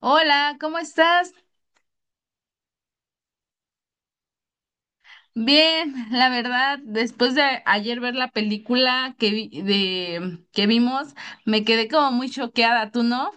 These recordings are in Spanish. Hola, ¿cómo estás? Bien, la verdad, después de ayer ver la película de que vimos, me quedé como muy choqueada, ¿tú no?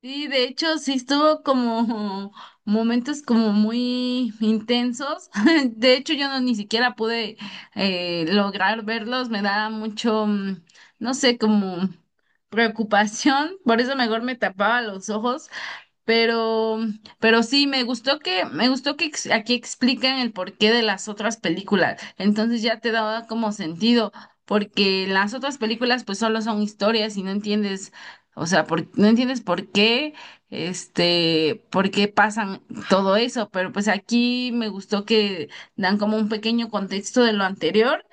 Sí, de hecho, sí estuvo como momentos como muy intensos. De hecho, yo no ni siquiera pude lograr verlos. Me da mucho, no sé, como preocupación. Por eso mejor me tapaba los ojos. Pero, pero sí, me gustó que aquí explican el porqué de las otras películas. Entonces ya te daba como sentido, porque las otras películas pues solo son historias y no entiendes, o sea, no entiendes por qué pasan todo eso. Pero pues aquí me gustó que dan como un pequeño contexto de lo anterior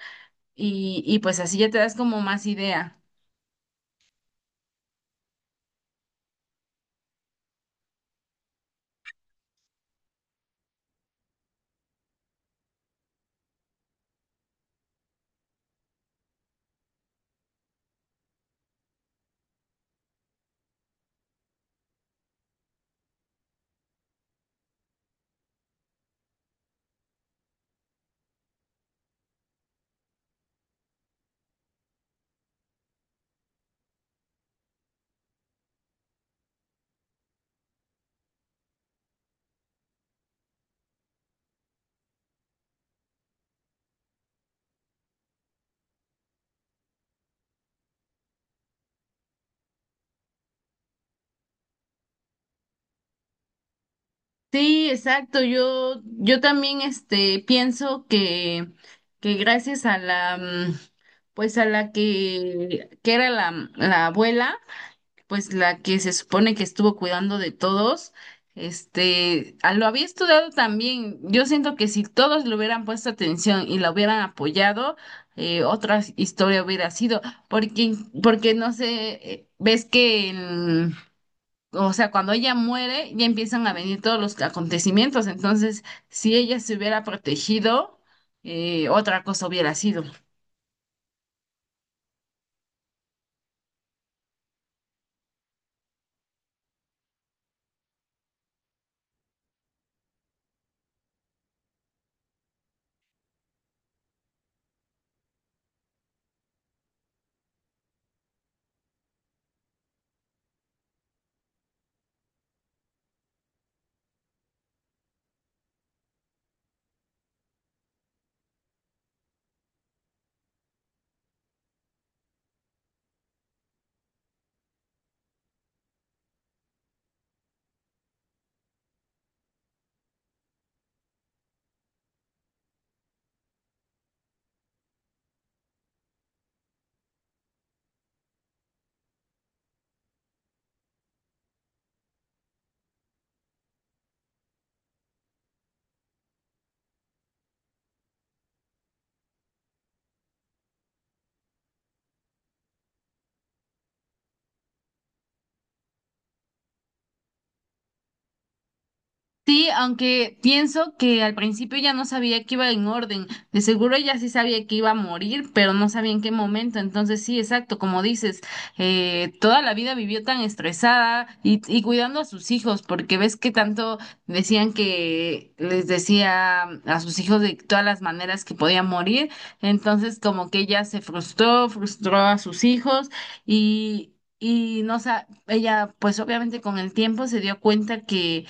y pues así ya te das como más idea. Sí, exacto. Yo también pienso que, que gracias a la, pues a la que era la abuela, pues la que se supone que estuvo cuidando de todos, lo había estudiado también. Yo siento que si todos le hubieran puesto atención y la hubieran apoyado, otra historia hubiera sido, porque, porque no sé, ves que en, o sea, cuando ella muere, ya empiezan a venir todos los acontecimientos. Entonces, si ella se hubiera protegido, otra cosa hubiera sido. Sí, aunque pienso que al principio ya no sabía que iba en orden. De seguro ya sí sabía que iba a morir, pero no sabía en qué momento. Entonces sí, exacto, como dices, toda la vida vivió tan estresada y cuidando a sus hijos, porque ves que tanto decían que les decía a sus hijos de todas las maneras que podían morir. Entonces como que ella se frustró, frustró a sus hijos y. Y no, ella pues obviamente con el tiempo se dio cuenta que,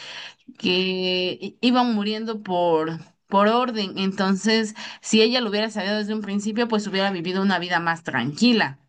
que iban muriendo por orden. Entonces, si ella lo hubiera sabido desde un principio, pues hubiera vivido una vida más tranquila.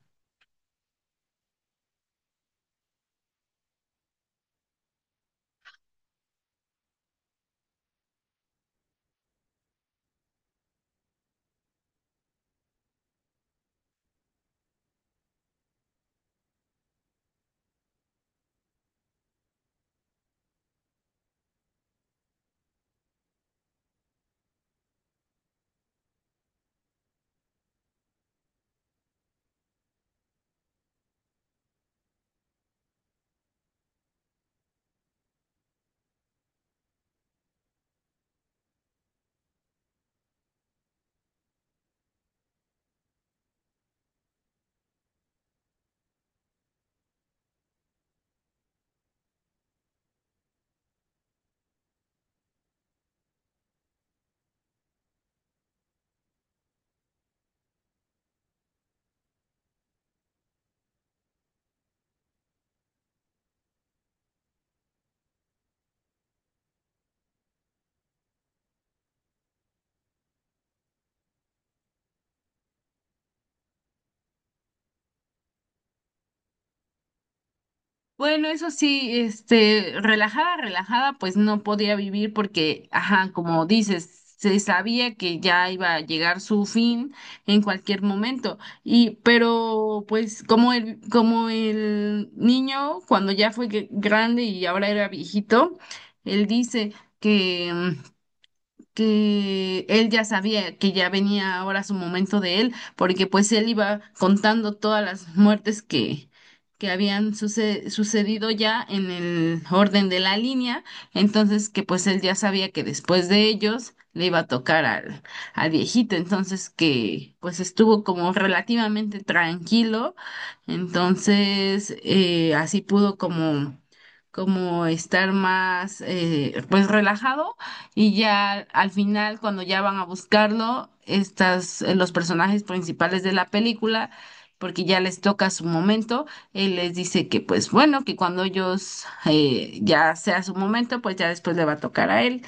Bueno, eso sí, relajada, relajada, pues no podía vivir porque, ajá, como dices, se sabía que ya iba a llegar su fin en cualquier momento. Y, pero, pues, como el niño, cuando ya fue grande y ahora era viejito, él dice que mm, que él ya sabía que ya venía ahora su momento de él, porque pues él iba contando todas las muertes que habían sucedido ya en el orden de la línea, entonces que pues él ya sabía que después de ellos le iba a tocar al viejito, entonces que pues estuvo como relativamente tranquilo, entonces así pudo como estar más pues relajado, y ya al final, cuando ya van a buscarlo, los personajes principales de la película, porque ya les toca su momento, él les dice que pues bueno, que cuando ellos ya sea su momento, pues ya después le va a tocar a él.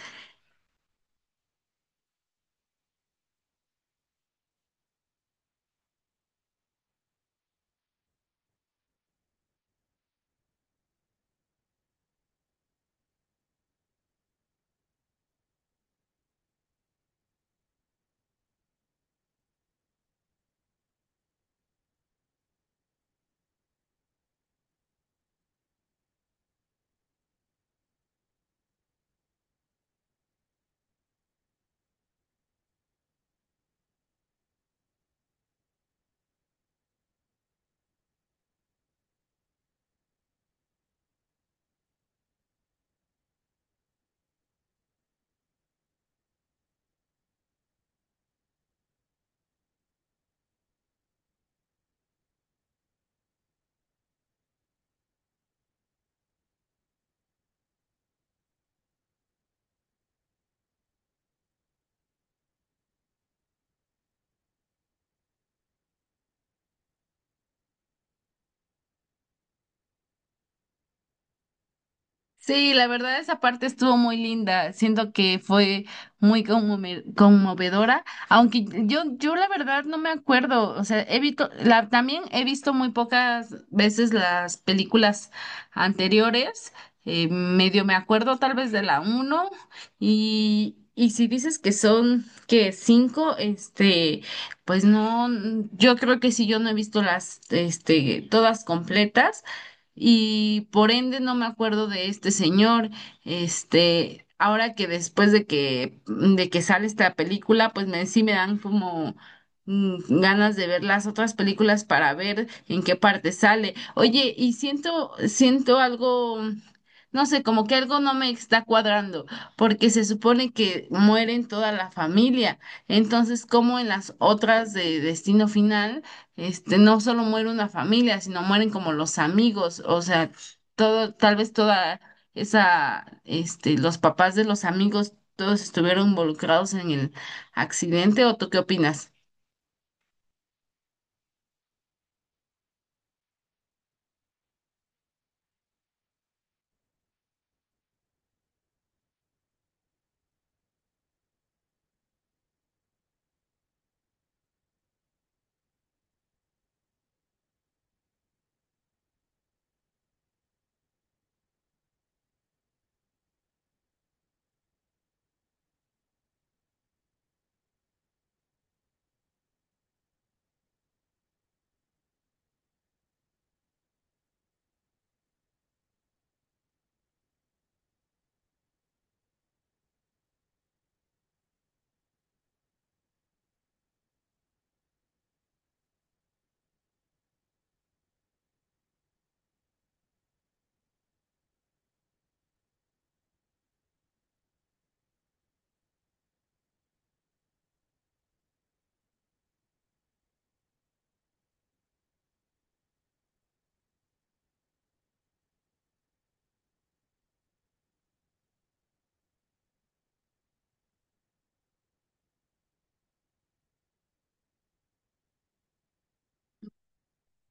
Sí, la verdad esa parte estuvo muy linda. Siento que fue muy conmovedora, aunque yo la verdad no me acuerdo, o sea, he visto la, también he visto muy pocas veces las películas anteriores. Medio me acuerdo tal vez de la uno y si dices que son que cinco, pues no, yo creo que si yo no he visto las todas completas y por ende no me acuerdo de este señor. Ahora que después de que sale esta película, pues sí me dan como ganas de ver las otras películas para ver en qué parte sale. Oye, y siento algo, no sé, como que algo no me está cuadrando, porque se supone que mueren toda la familia. Entonces, ¿cómo en las otras de Destino Final? No solo muere una familia, sino mueren como los amigos, o sea, todo, tal vez toda esa, los papás de los amigos, todos estuvieron involucrados en el accidente, ¿o tú qué opinas?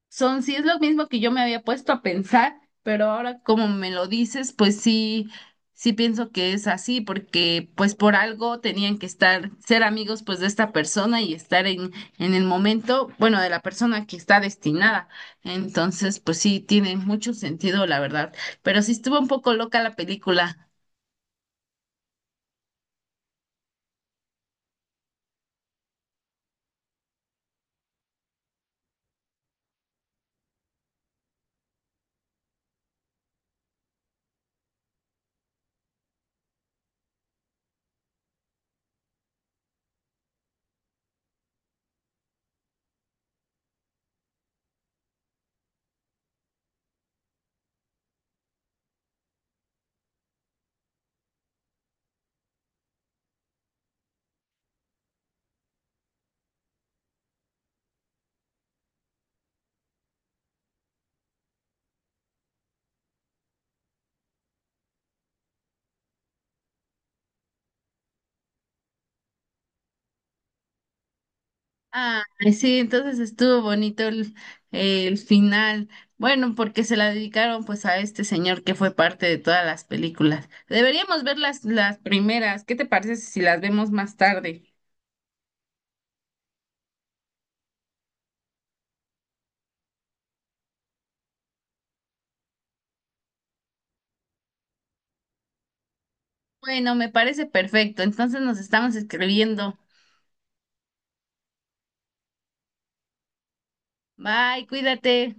Son, sí, es lo mismo que yo me había puesto a pensar, pero ahora como me lo dices, pues sí, sí pienso que es así, porque pues por algo tenían que estar, ser amigos pues de esta persona y estar en el momento, bueno, de la persona que está destinada. Entonces, pues sí, tiene mucho sentido, la verdad. Pero sí estuvo un poco loca la película. Ah, sí, entonces estuvo bonito el final. Bueno, porque se la dedicaron pues a este señor que fue parte de todas las películas. Deberíamos ver las primeras. ¿Qué te parece si las vemos más tarde? Bueno, me parece perfecto. Entonces nos estamos escribiendo. Bye, cuídate.